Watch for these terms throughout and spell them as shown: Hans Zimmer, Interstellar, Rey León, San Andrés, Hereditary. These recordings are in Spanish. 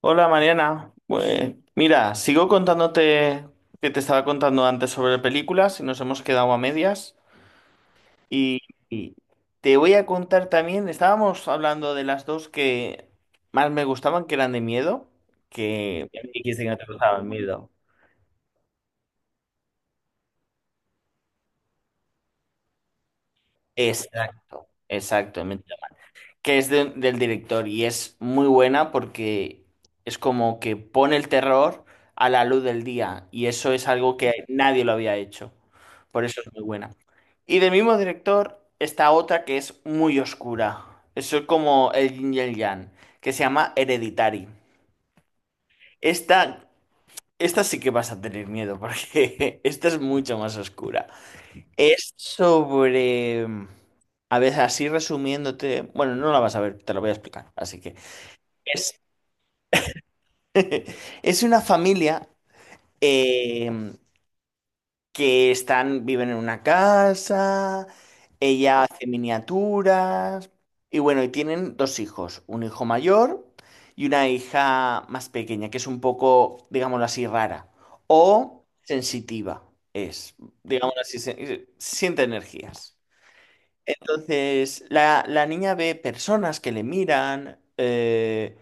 Hola Mariana, pues mira, sigo contándote que te estaba contando antes sobre películas y nos hemos quedado a medias y, y te voy a contar también, estábamos hablando de las dos que más me gustaban, que eran de miedo, que me dijiste que no te gustaban miedo. Exacto, exacto, que es del director y es muy buena porque es como que pone el terror a la luz del día y eso es algo que nadie lo había hecho. Por eso es muy buena. Y del mismo director está otra que es muy oscura. Eso es como el yin y el yang, que se llama Hereditary. Esta, esta sí que vas a tener miedo porque esta es mucho más oscura. Es sobre... A ver, así resumiéndote, bueno, no la vas a ver, te lo voy a explicar. Así que es, es una familia eh, que viven en una casa, ella hace miniaturas y bueno, y tienen dos hijos, un hijo mayor y una hija más pequeña, que es un poco, digámoslo así, rara o sensitiva, es, digámoslo así, siente energías. Entonces, la niña ve personas que le miran, eh,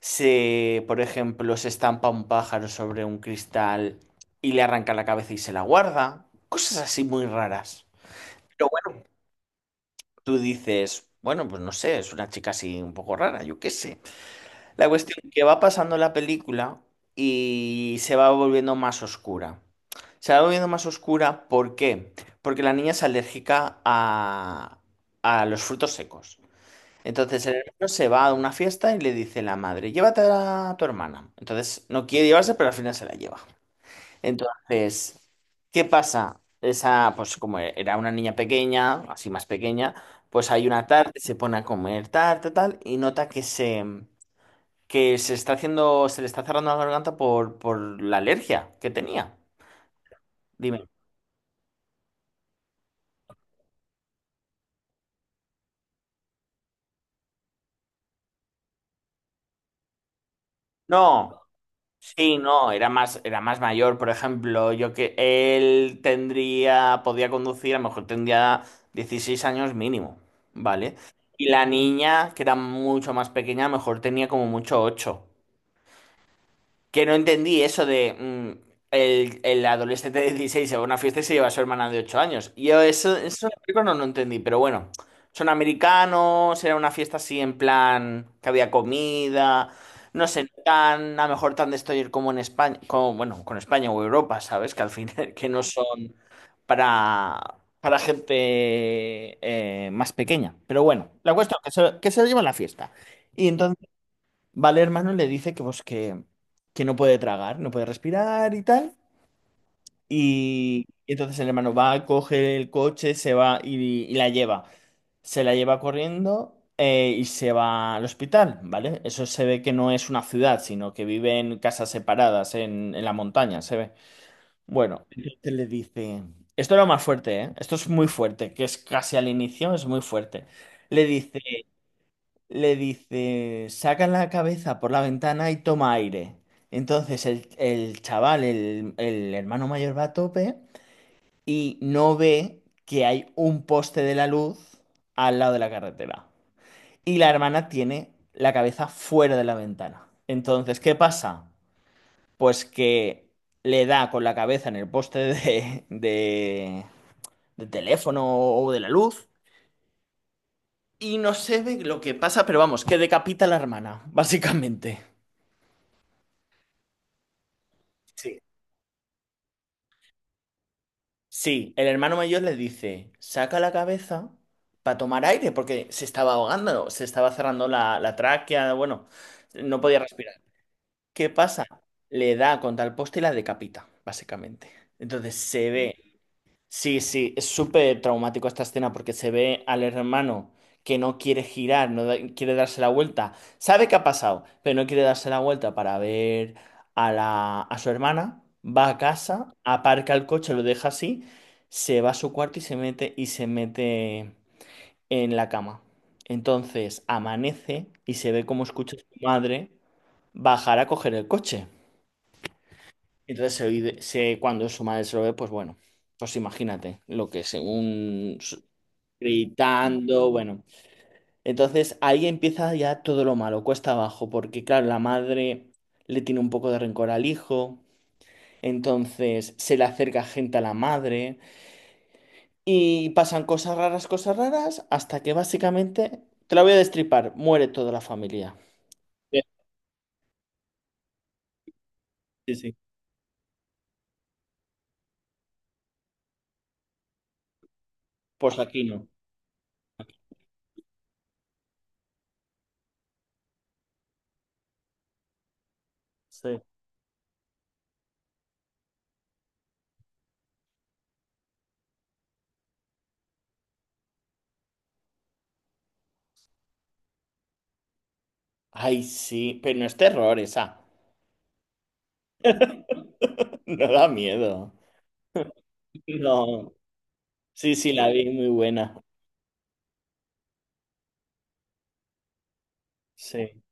se, por ejemplo, se estampa un pájaro sobre un cristal y le arranca la cabeza y se la guarda. Cosas así muy raras. Pero bueno, tú dices, bueno, pues no sé, es una chica así un poco rara, yo qué sé. La cuestión que va pasando la película y se va volviendo más oscura. Se va volviendo más oscura, ¿por qué? Porque la niña es alérgica a los frutos secos. Entonces el hermano se va a una fiesta y le dice la madre, llévate a tu hermana. Entonces no quiere llevarse, pero al final se la lleva. Entonces, ¿qué pasa? Esa, pues como era una niña pequeña, así más pequeña, pues hay una tarde, se pone a comer tarta, tal, y nota que que se está haciendo, se le está cerrando la garganta por la alergia que tenía. Dime. No, sí, no, era más mayor, por ejemplo, yo que él tendría, podía conducir, a lo mejor tendría 16 años mínimo, ¿vale? Y la niña, que era mucho más pequeña, a lo mejor tenía como mucho 8, que no entendí eso de el adolescente de 16 se va a una fiesta y se lleva a su hermana de 8 años. Y yo eso en la película no lo entendí, pero bueno, son americanos, era una fiesta así en plan que había comida, no sé, no tan, a lo mejor tan destroyer como en España, como, bueno, con España o Europa, ¿sabes? Que al final que no son para gente más pequeña. Pero bueno, la cuestión es que se lo lleva a la fiesta. Y entonces, vale, hermano, le dice que, pues, que no puede tragar, no puede respirar y tal. Y entonces el hermano va, coge el coche, se va y la lleva. Se la lleva corriendo, y se va al hospital, ¿vale? Eso se ve que no es una ciudad, sino que vive en casas separadas, en la montaña, se ve. Bueno, entonces le dice... Esto era más fuerte, ¿eh? Esto es muy fuerte, que es casi al inicio, es muy fuerte. Le dice le dice, saca la cabeza por la ventana y toma aire. Entonces el chaval, el hermano mayor va a tope y no ve que hay un poste de la luz al lado de la carretera. Y la hermana tiene la cabeza fuera de la ventana. Entonces, ¿qué pasa? Pues que le da con la cabeza en el poste de teléfono o de la luz y no se ve lo que pasa, pero vamos, que decapita a la hermana, básicamente. Sí, sí, el hermano mayor le dice, saca la cabeza para tomar aire, porque se estaba ahogando, se estaba cerrando la tráquea, bueno, no podía respirar. ¿Qué pasa? Le da contra el poste y la decapita, básicamente. Entonces se ve. Sí, sí, es súper traumático esta escena porque se ve al hermano que no quiere girar, no da- quiere darse la vuelta. Sabe que ha pasado, pero no quiere darse la vuelta para ver a su hermana. Va a casa, aparca el coche, lo deja así, se va a su cuarto y se mete en la cama. Entonces amanece y se ve cómo escucha a su madre bajar a coger el coche. Entonces, cuando su madre se lo ve, pues bueno, pues imagínate lo que gritando, bueno. Entonces ahí empieza ya todo lo malo, cuesta abajo, porque claro, la madre le tiene un poco de rencor al hijo, entonces se le acerca gente a la madre y pasan cosas raras, hasta que básicamente, te la voy a destripar, muere toda la familia. Sí, sí, sí. Pues aquí no. Sí. Ay, sí, pero no es terror esa, no da miedo. No, sí, sí, la vi muy buena. Sí,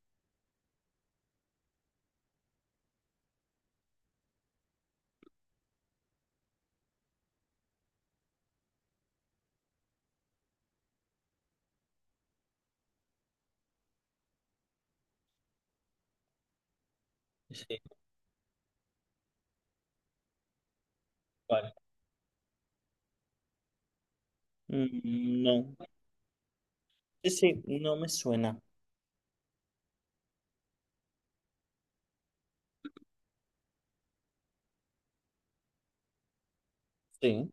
sí, ¿cuál? Mm, no, sí, sí, no me suena. Sí.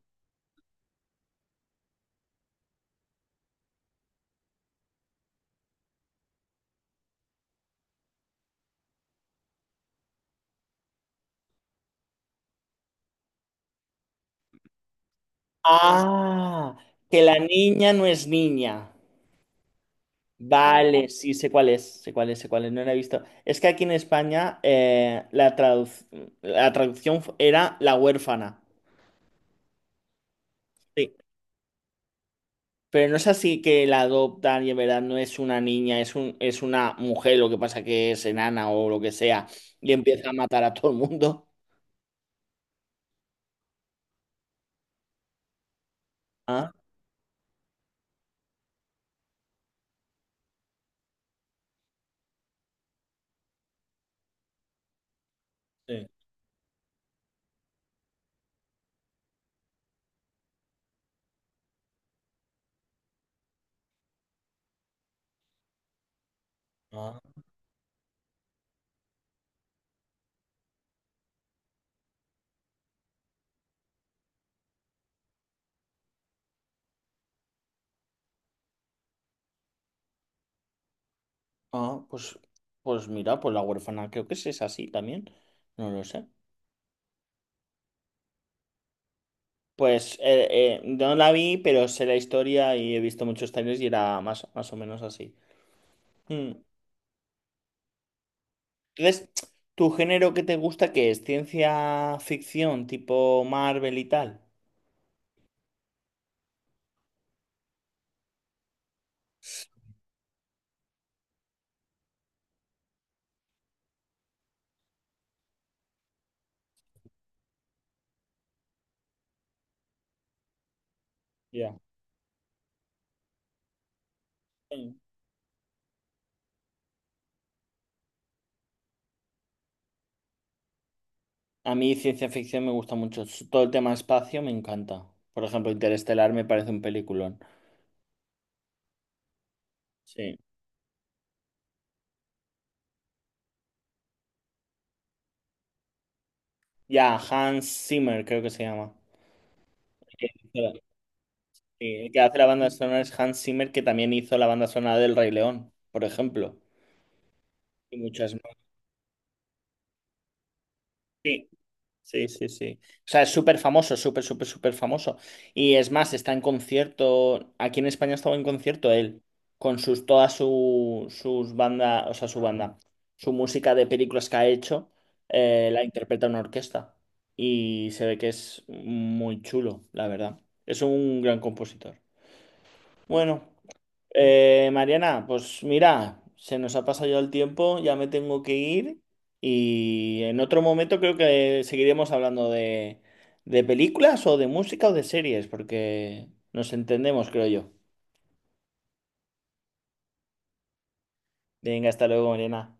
Ah, que la niña no es niña. Vale, sí, sé cuál es, sé cuál es, sé cuál es, no la he visto. Es que aquí en España, la traducción era La Huérfana. Sí. Pero no es así que la adoptan y en verdad no es una niña, es una mujer, lo que pasa que es enana o lo que sea, y empieza a matar a todo el mundo. Sí. Ah, ah, pues, mira, pues La Huérfana creo que sí es así también. No lo sé. Pues no la vi, pero sé la historia y he visto muchos trailers y era más, más o menos así. Mm. Entonces, ¿tu género que te gusta qué es? ¿Ciencia ficción tipo Marvel y tal? Ya. Sí. A mí ciencia ficción me gusta mucho. Todo el tema espacio me encanta. Por ejemplo, Interestelar me parece un peliculón. Sí. Ya, Hans Zimmer creo que se llama. Sí, el que hace la banda sonora es Hans Zimmer, que también hizo la banda sonora del Rey León, por ejemplo. Y muchas más. Sí, sí, sí, sí. O sea, es súper famoso, súper, súper, súper famoso. Y es más, está en concierto. Aquí en España estaba en concierto él, con todas sus bandas, o sea, su banda, su música de películas que ha hecho, la interpreta una orquesta. Y se ve que es muy chulo, la verdad. Es un gran compositor. Bueno. Mariana, pues mira, se nos ha pasado ya el tiempo, ya me tengo que ir y en otro momento creo que seguiremos hablando de películas o de música o de series, porque nos entendemos, creo yo. Venga, hasta luego, Mariana.